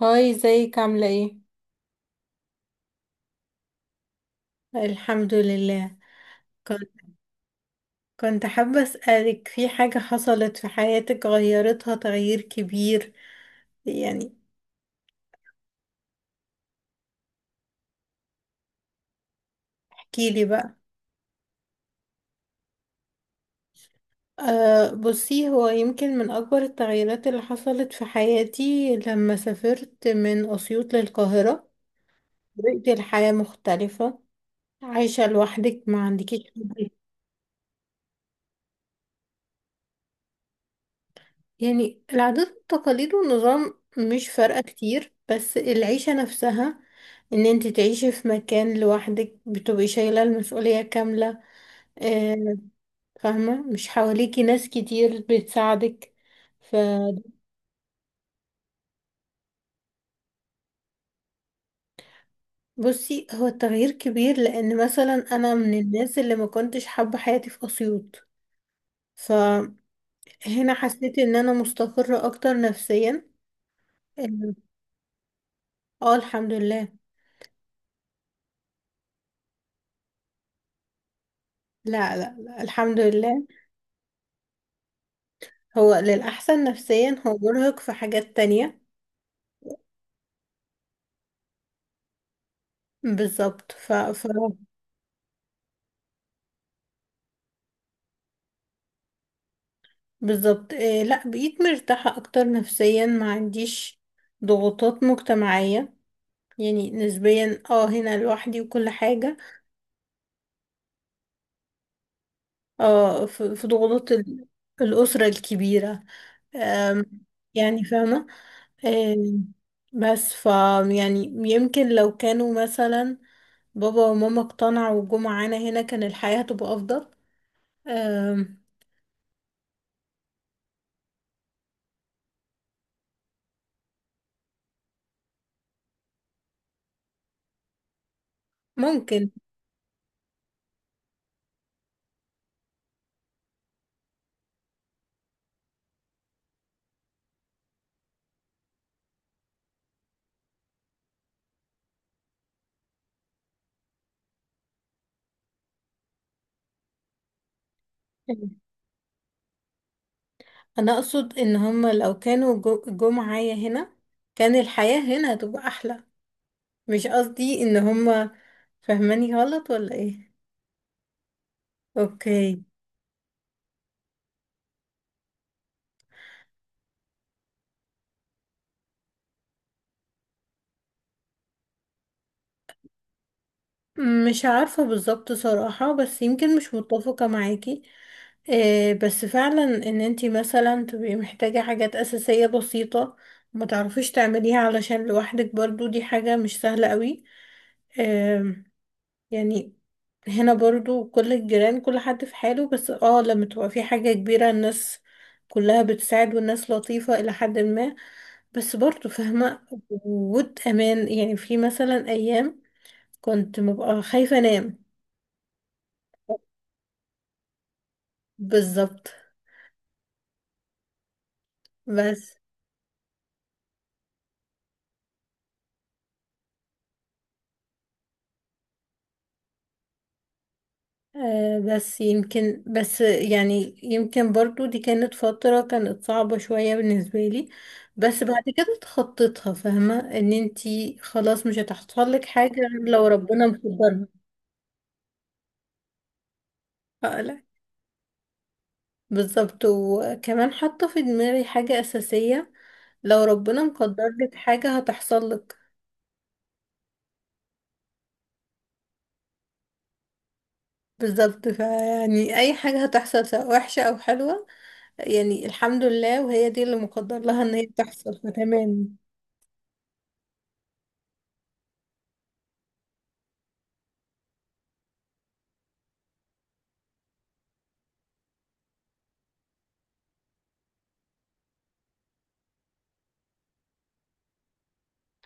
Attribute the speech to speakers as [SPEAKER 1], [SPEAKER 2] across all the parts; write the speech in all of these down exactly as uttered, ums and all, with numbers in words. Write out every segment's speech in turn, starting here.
[SPEAKER 1] هاي ازيك عاملة ايه؟ الحمد لله. كنت كنت حابة أسألك في حاجة حصلت في حياتك غيرتها تغيير كبير. يعني احكيلي بقى. أه بصي، هو يمكن من أكبر التغييرات اللي حصلت في حياتي لما سافرت من أسيوط للقاهرة. طريقة الحياة مختلفة، عايشة لوحدك، ما عندكيش يعني العادات والتقاليد والنظام مش فارقة كتير، بس العيشة نفسها ان انت تعيشي في مكان لوحدك بتبقي شايلة المسؤولية كاملة. آه، فاهمة، مش حواليكي ناس كتير بتساعدك. فبصي، هو التغيير كبير لان مثلا انا من الناس اللي ما كنتش حابة حياتي في اسيوط، فهنا حسيت ان انا مستقرة اكتر نفسيا. اه. آه، الحمد لله. لا، لا، لا، الحمد لله. هو للأحسن نفسيا، هو مرهق في حاجات تانية. بالظبط. ف... ف... بالظبط إيه، لا، بقيت مرتاحة أكتر نفسيا، ما عنديش ضغوطات مجتمعية، يعني نسبيا. اه، هنا لوحدي وكل حاجة. اه، في, في ضغوطات ال... الأسرة الكبيرة. أم... يعني فاهمة. أم... بس ف يعني يمكن لو كانوا مثلا بابا وماما اقتنعوا وجم معانا هنا كان الحياة هتبقى أفضل. أم... ممكن. انا اقصد ان هما لو كانوا جو جو معايا هنا كان الحياة هنا هتبقى احلى. مش قصدي ان هما فهماني غلط ولا ايه. اوكي. مش عارفة بالظبط صراحة، بس يمكن مش متفقة معاكي. إيه، بس فعلا ان انتي مثلا تبقي محتاجة حاجات اساسية بسيطة ما تعرفيش تعمليها علشان لوحدك، برضو دي حاجة مش سهلة قوي يعني. هنا برضو كل الجيران كل حد في حاله، بس اه لما تبقى في حاجة كبيرة الناس كلها بتساعد، والناس لطيفة إلى حد ما، بس برضو فاهمة وجود أمان، يعني في مثلا أيام كنت ببقى خايفة أنام. بالظبط. بس آه، بس يمكن بس يعني يمكن برضو دي كانت فترة كانت صعبة شوية بالنسبة لي، بس بعد كده اتخطيتها، فاهمة ان انتي خلاص مش هتحصل لك حاجة غير لو ربنا مقدرها. آه، لا. بالظبط، وكمان حاطة في دماغي حاجة أساسية، لو ربنا مقدر لك حاجة هتحصل لك. بالظبط، فيعني أي حاجة هتحصل سواء وحشة أو حلوة، يعني الحمد لله وهي دي اللي مقدر لها ان هي تحصل، فتمام.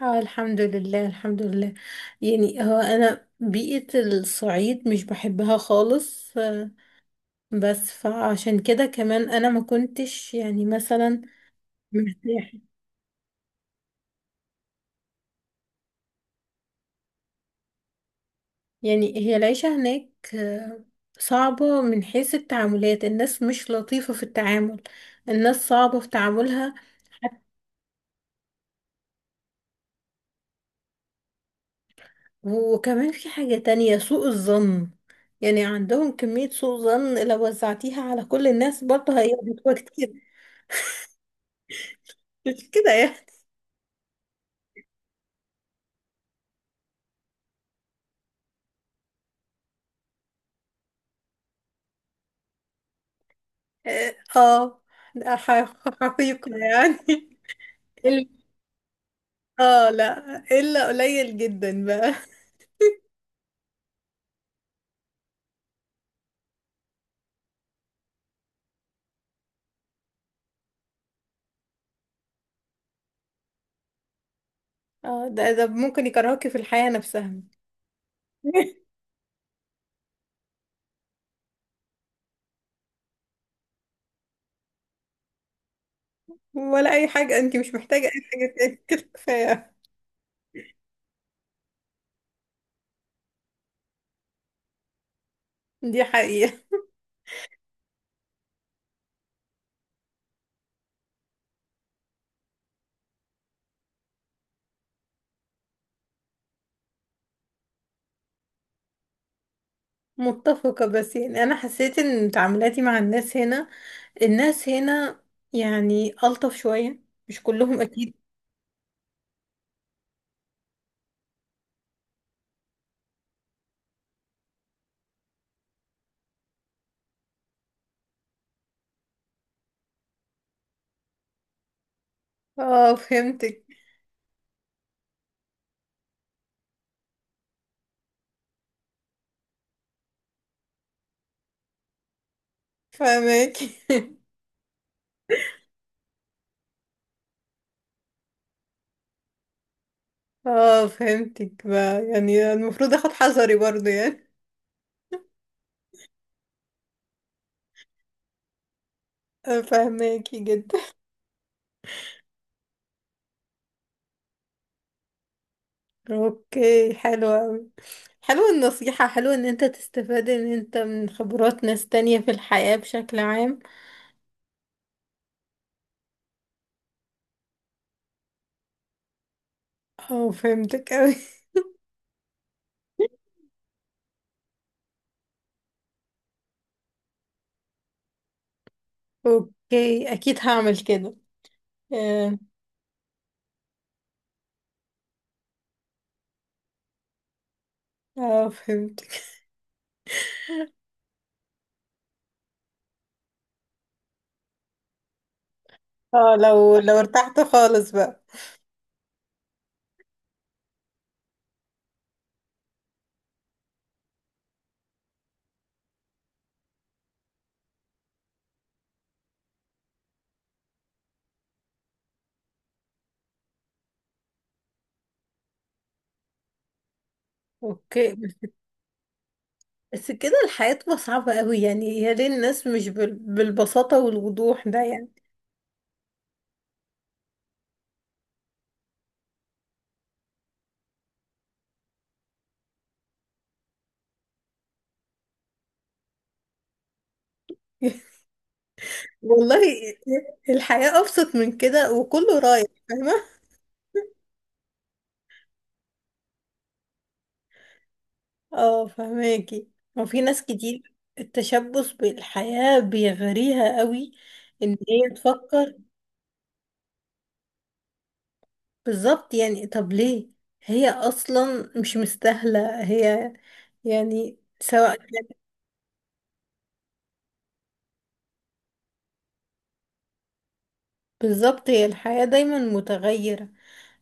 [SPEAKER 1] اه، الحمد لله الحمد لله. يعني هو انا بيئة الصعيد مش بحبها خالص. آه، بس فعشان كده كمان انا ما كنتش يعني مثلا مرتاحة. يعني هي العيشة هناك آه، صعبة من حيث التعاملات، الناس مش لطيفة في التعامل، الناس صعبة في تعاملها. حت- وكمان في حاجة تانية، سوء الظن، يعني عندهم كمية سوء ظن لو وزعتيها على كل الناس برضه هيبقى كتير، مش كده يعني. اه، لا، ح- حقيقة يعني. ال- اه لا، الا قليل جدا بقى. اه، ده ده ممكن يكرهكي في الحياة نفسها. ولا اي حاجة، انت مش محتاجة اي حاجة تاني، كده كفاية. دي حقيقة. متفقة، بس يعني انا حسيت ان تعاملاتي مع الناس هنا، الناس هنا يعني الطف شوية، مش كلهم اكيد. اه، فهمتك. فهمك. اه، فهمتك بقى، يعني المفروض اخد حذري برضه يعني. فاهماكي جدا. اوكي، حلو اوي، حلو النصيحة، حلو ان انت تستفاد ان انت من خبرات ناس تانية في الحياة بشكل عام. اه، فهمتك اوي. اوكي، اكيد هعمل كده. اه. آه، فهمتك. اه، لو لو ارتحت خالص بقى. اوكي. بس كده الحياة تبقى صعبة اوي، يعني يا ليه الناس مش بال... بالبساطة والوضوح ده يعني. والله الحياة ابسط من كده، وكله رايح، فاهمة. اه، فهماكي. وفي ناس كتير التشبث بالحياة بيغريها قوي، ان هي تفكر. بالظبط، يعني طب ليه، هي اصلا مش مستاهلة هي، يعني سواء كان- بالظبط، هي الحياة دايما متغيرة،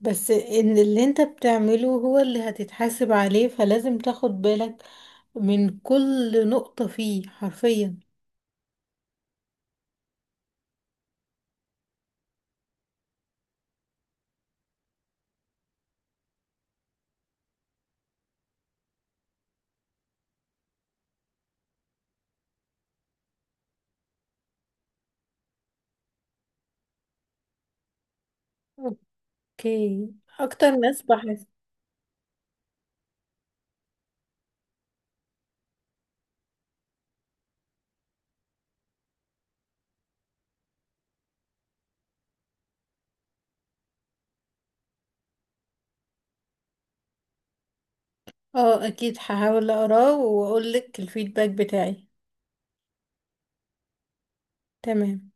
[SPEAKER 1] بس ان اللي انت بتعمله هو اللي هتتحاسب عليه، فلازم تاخد بالك من كل نقطة فيه حرفيا. اوكي. اكتر ناس بحس. اه، اكيد هحاول اقراه واقول لك الفيدباك بتاعي. تمام.